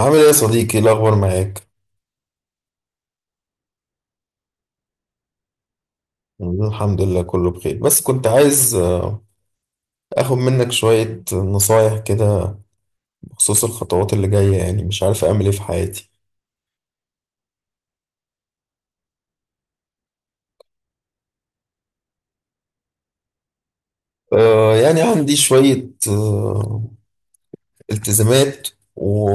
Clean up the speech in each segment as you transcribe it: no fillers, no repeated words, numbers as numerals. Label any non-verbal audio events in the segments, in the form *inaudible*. عامل ايه يا صديقي؟ إيه الاخبار معاك؟ الحمد لله، كله بخير، بس كنت عايز اخد منك شوية نصايح كده بخصوص الخطوات اللي جاية. يعني مش عارف اعمل ايه في حياتي. يعني عندي شوية التزامات و...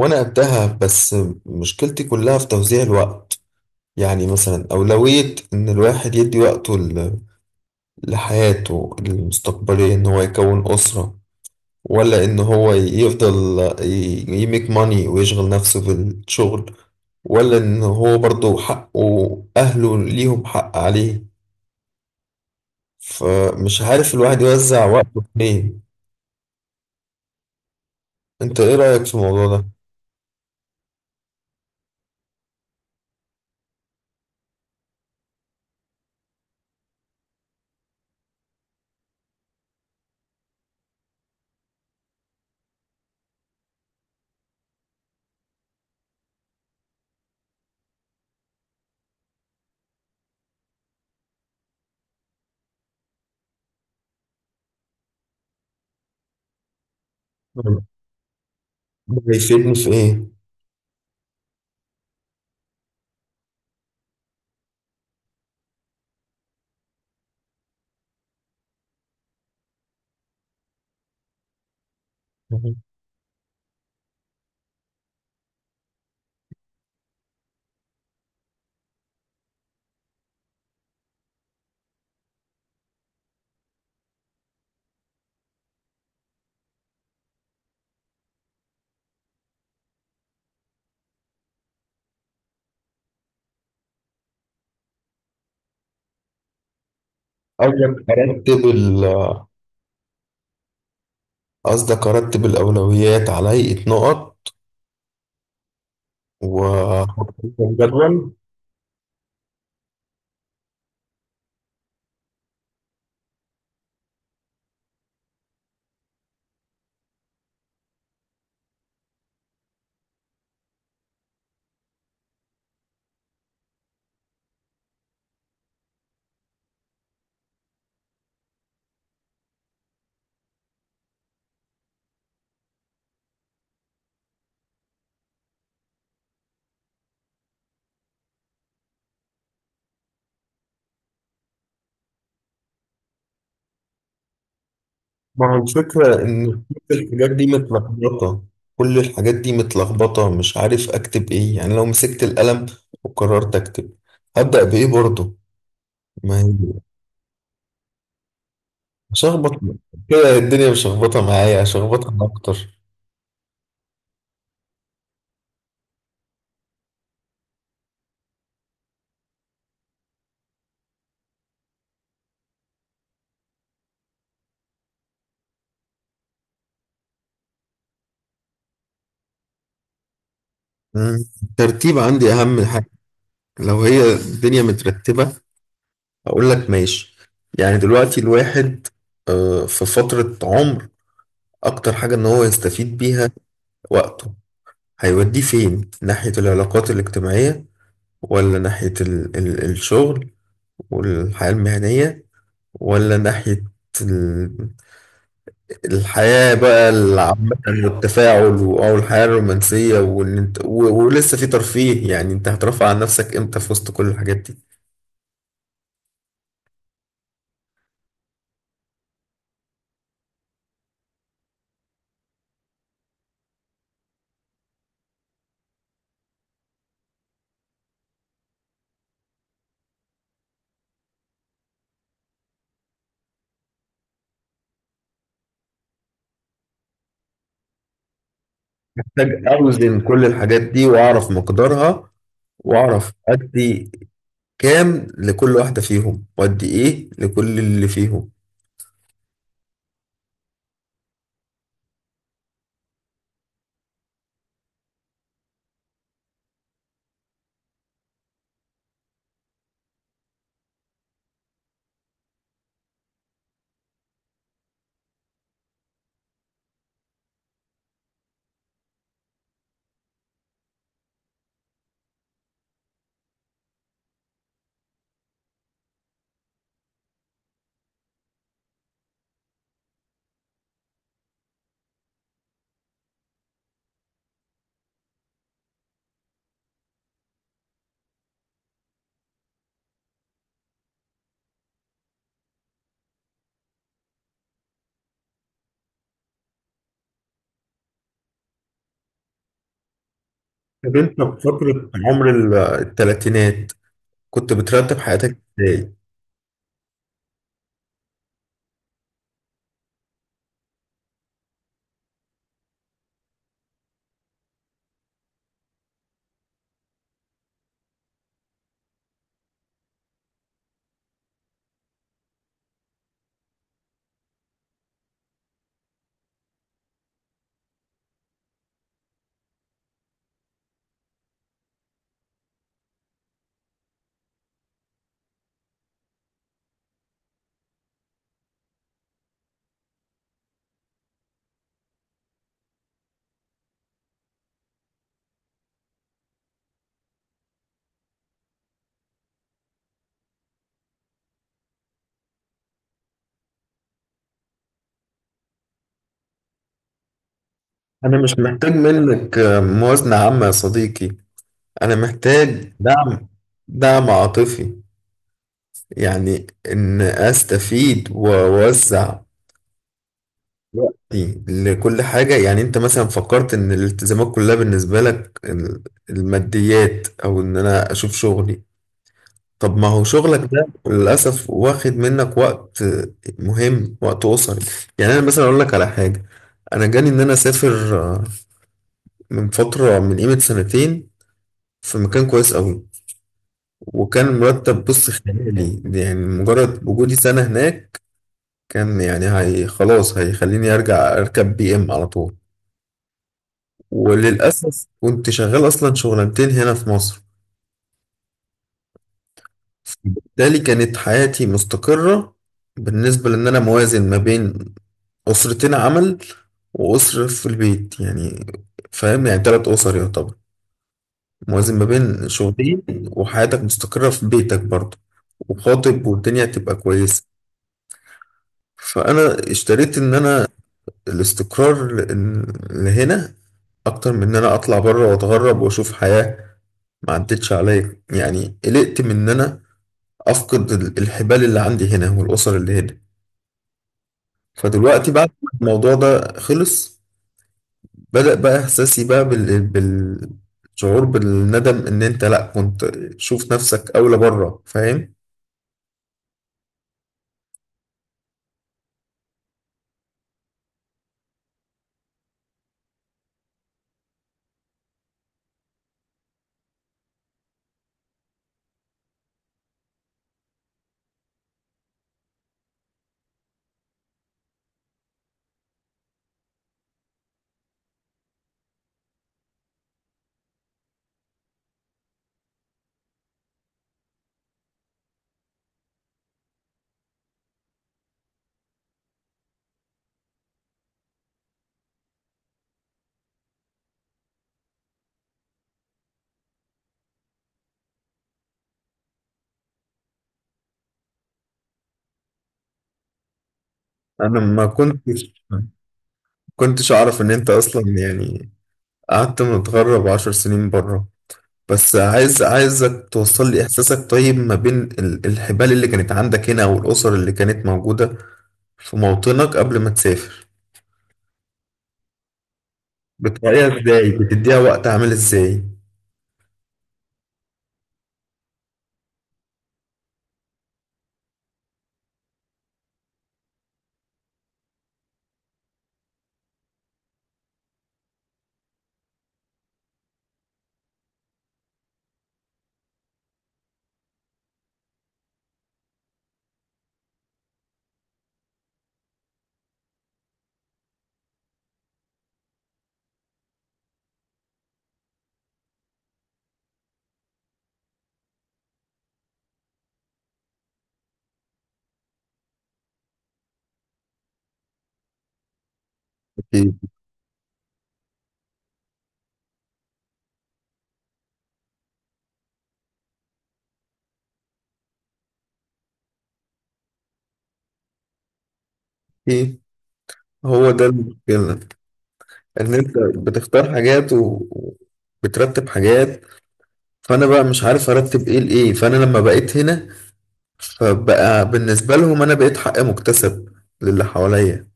وانا قدها، بس مشكلتي كلها في توزيع الوقت. يعني مثلا اولوية ان الواحد يدي وقته لحياته المستقبلية، ان هو يكون اسرة، ولا ان هو يفضل يميك ماني ويشغل نفسه بالشغل، ولا ان هو برضه حقه اهله ليهم حق عليه. فمش عارف الواحد يوزع وقته فين. انت ايه رأيك في الموضوع ده؟ ده هيفيدني في ايه؟ اولا ارتب ال- قصدك ارتب الاولويات على هيئة نقط و جدول؟ ما هو الفكرة إن كل الحاجات دي متلخبطة. كل الحاجات دي متلخبطة، مش عارف أكتب إيه. يعني لو مسكت القلم وقررت أكتب، هبدأ بإيه برضه؟ ما هي هشخبط. كده الدنيا مش مشخبطة معايا؟ هشخبطها أكتر. مم. الترتيب عندي أهم حاجة. لو هي الدنيا مترتبة أقول لك ماشي. يعني دلوقتي الواحد في فترة عمر، أكتر حاجة إن هو يستفيد بيها وقته، هيوديه فين؟ ناحية العلاقات الاجتماعية، ولا ناحية ال الشغل والحياة المهنية، ولا ناحية ال- الحياة بقى العامة والتفاعل أو الحياة الرومانسية، وإن أنت ولسه في ترفيه؟ يعني أنت هترفع عن نفسك إمتى في وسط كل الحاجات دي؟ محتاج أوزن كل الحاجات دي وأعرف مقدارها، وأعرف أدي كام لكل واحدة فيهم، وأدي إيه لكل اللي فيهم. طب أنت في فترة عمر التلاتينات، كنت بترتب حياتك إزاي؟ أنا مش محتاج منك موازنة عامة يا صديقي. أنا محتاج دعم، دعم عاطفي. يعني إن أستفيد وأوزع وقتي لكل حاجة. يعني أنت مثلا فكرت إن الالتزامات كلها بالنسبة لك الماديات، أو إن أنا أشوف شغلي. طب ما هو شغلك ده للأسف واخد منك وقت مهم، وقت أسري. يعني أنا مثلا أقول لك على حاجة. أنا جاني إن أنا أسافر من فترة من قيمة سنتين، في مكان كويس قوي، وكان مرتب بص خيالي. يعني مجرد وجودي سنة هناك كان يعني هي خلاص هيخليني ارجع اركب بي ام على طول. وللأسف كنت شغال اصلا شغلانتين هنا في مصر، بالتالي كانت حياتي مستقرة. بالنسبة لان انا موازن ما بين اسرتين عمل واسرة في البيت. يعني فاهم؟ يعني 3 اسر يعتبر، موازن ما بين شغلين، وحياتك مستقرة في بيتك برضه، وخاطب، والدنيا تبقى كويسة. فانا اشتريت ان انا الاستقرار لهنا اكتر من ان انا اطلع بره واتغرب واشوف حياة. ما عدتش عليا. يعني قلقت من ان انا افقد الحبال اللي عندي هنا والاسر اللي هنا. فدلوقتي بعد ما الموضوع ده خلص، بدأ بقى احساسي بقى بالشعور بالندم، ان انت لا كنت شوف نفسك اولى بره، فاهم؟ انا ما كنتش اعرف ان انت اصلا، يعني قعدت متغرب 10 سنين بره. بس عايزك توصل لي إحساسك. طيب ما بين الحبال اللي كانت عندك هنا والأسر اللي كانت موجودة في موطنك قبل ما تسافر، بتراعيها إزاي؟ بتديها وقت عامل إزاي؟ أكيد. إيه، هو ده المشكلة. إن أنت بتختار حاجات وبترتب حاجات، فأنا بقى مش عارف أرتب إيه لإيه. فأنا لما بقيت هنا، فبقى بالنسبة لهم أنا بقيت حق مكتسب للي حواليا.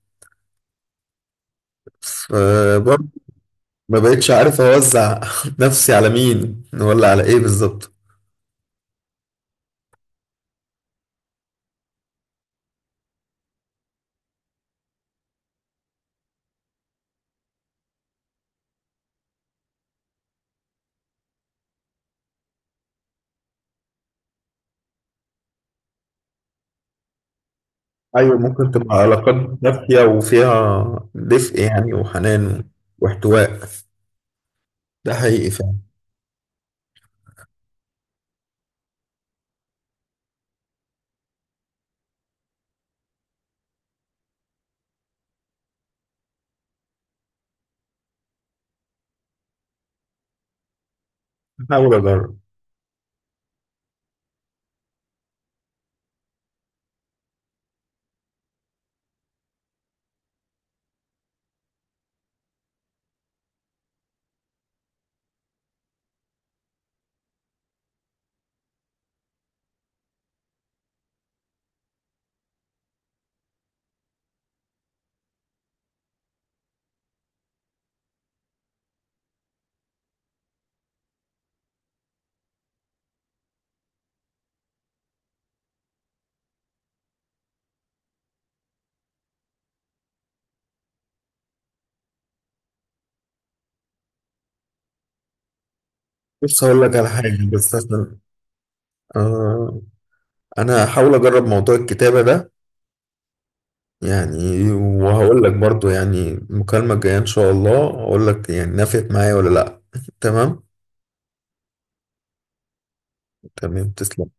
فبرضه ما بقتش عارف اوزع *laughs* نفسي على مين ولا على ايه بالظبط. ايوه، ممكن تبقى علاقات دافية وفيها دفء، يعني وحنان واحتواء. ده حقيقي فعلا. هحاول اجرب. بص هقول لك على حاجة بس عشان آه انا هحاول اجرب موضوع الكتابة ده. يعني وهقول لك برضو، يعني المكالمة الجاية ان شاء الله اقول لك يعني نفعت معايا ولا لا. تمام. تمام. تسلم.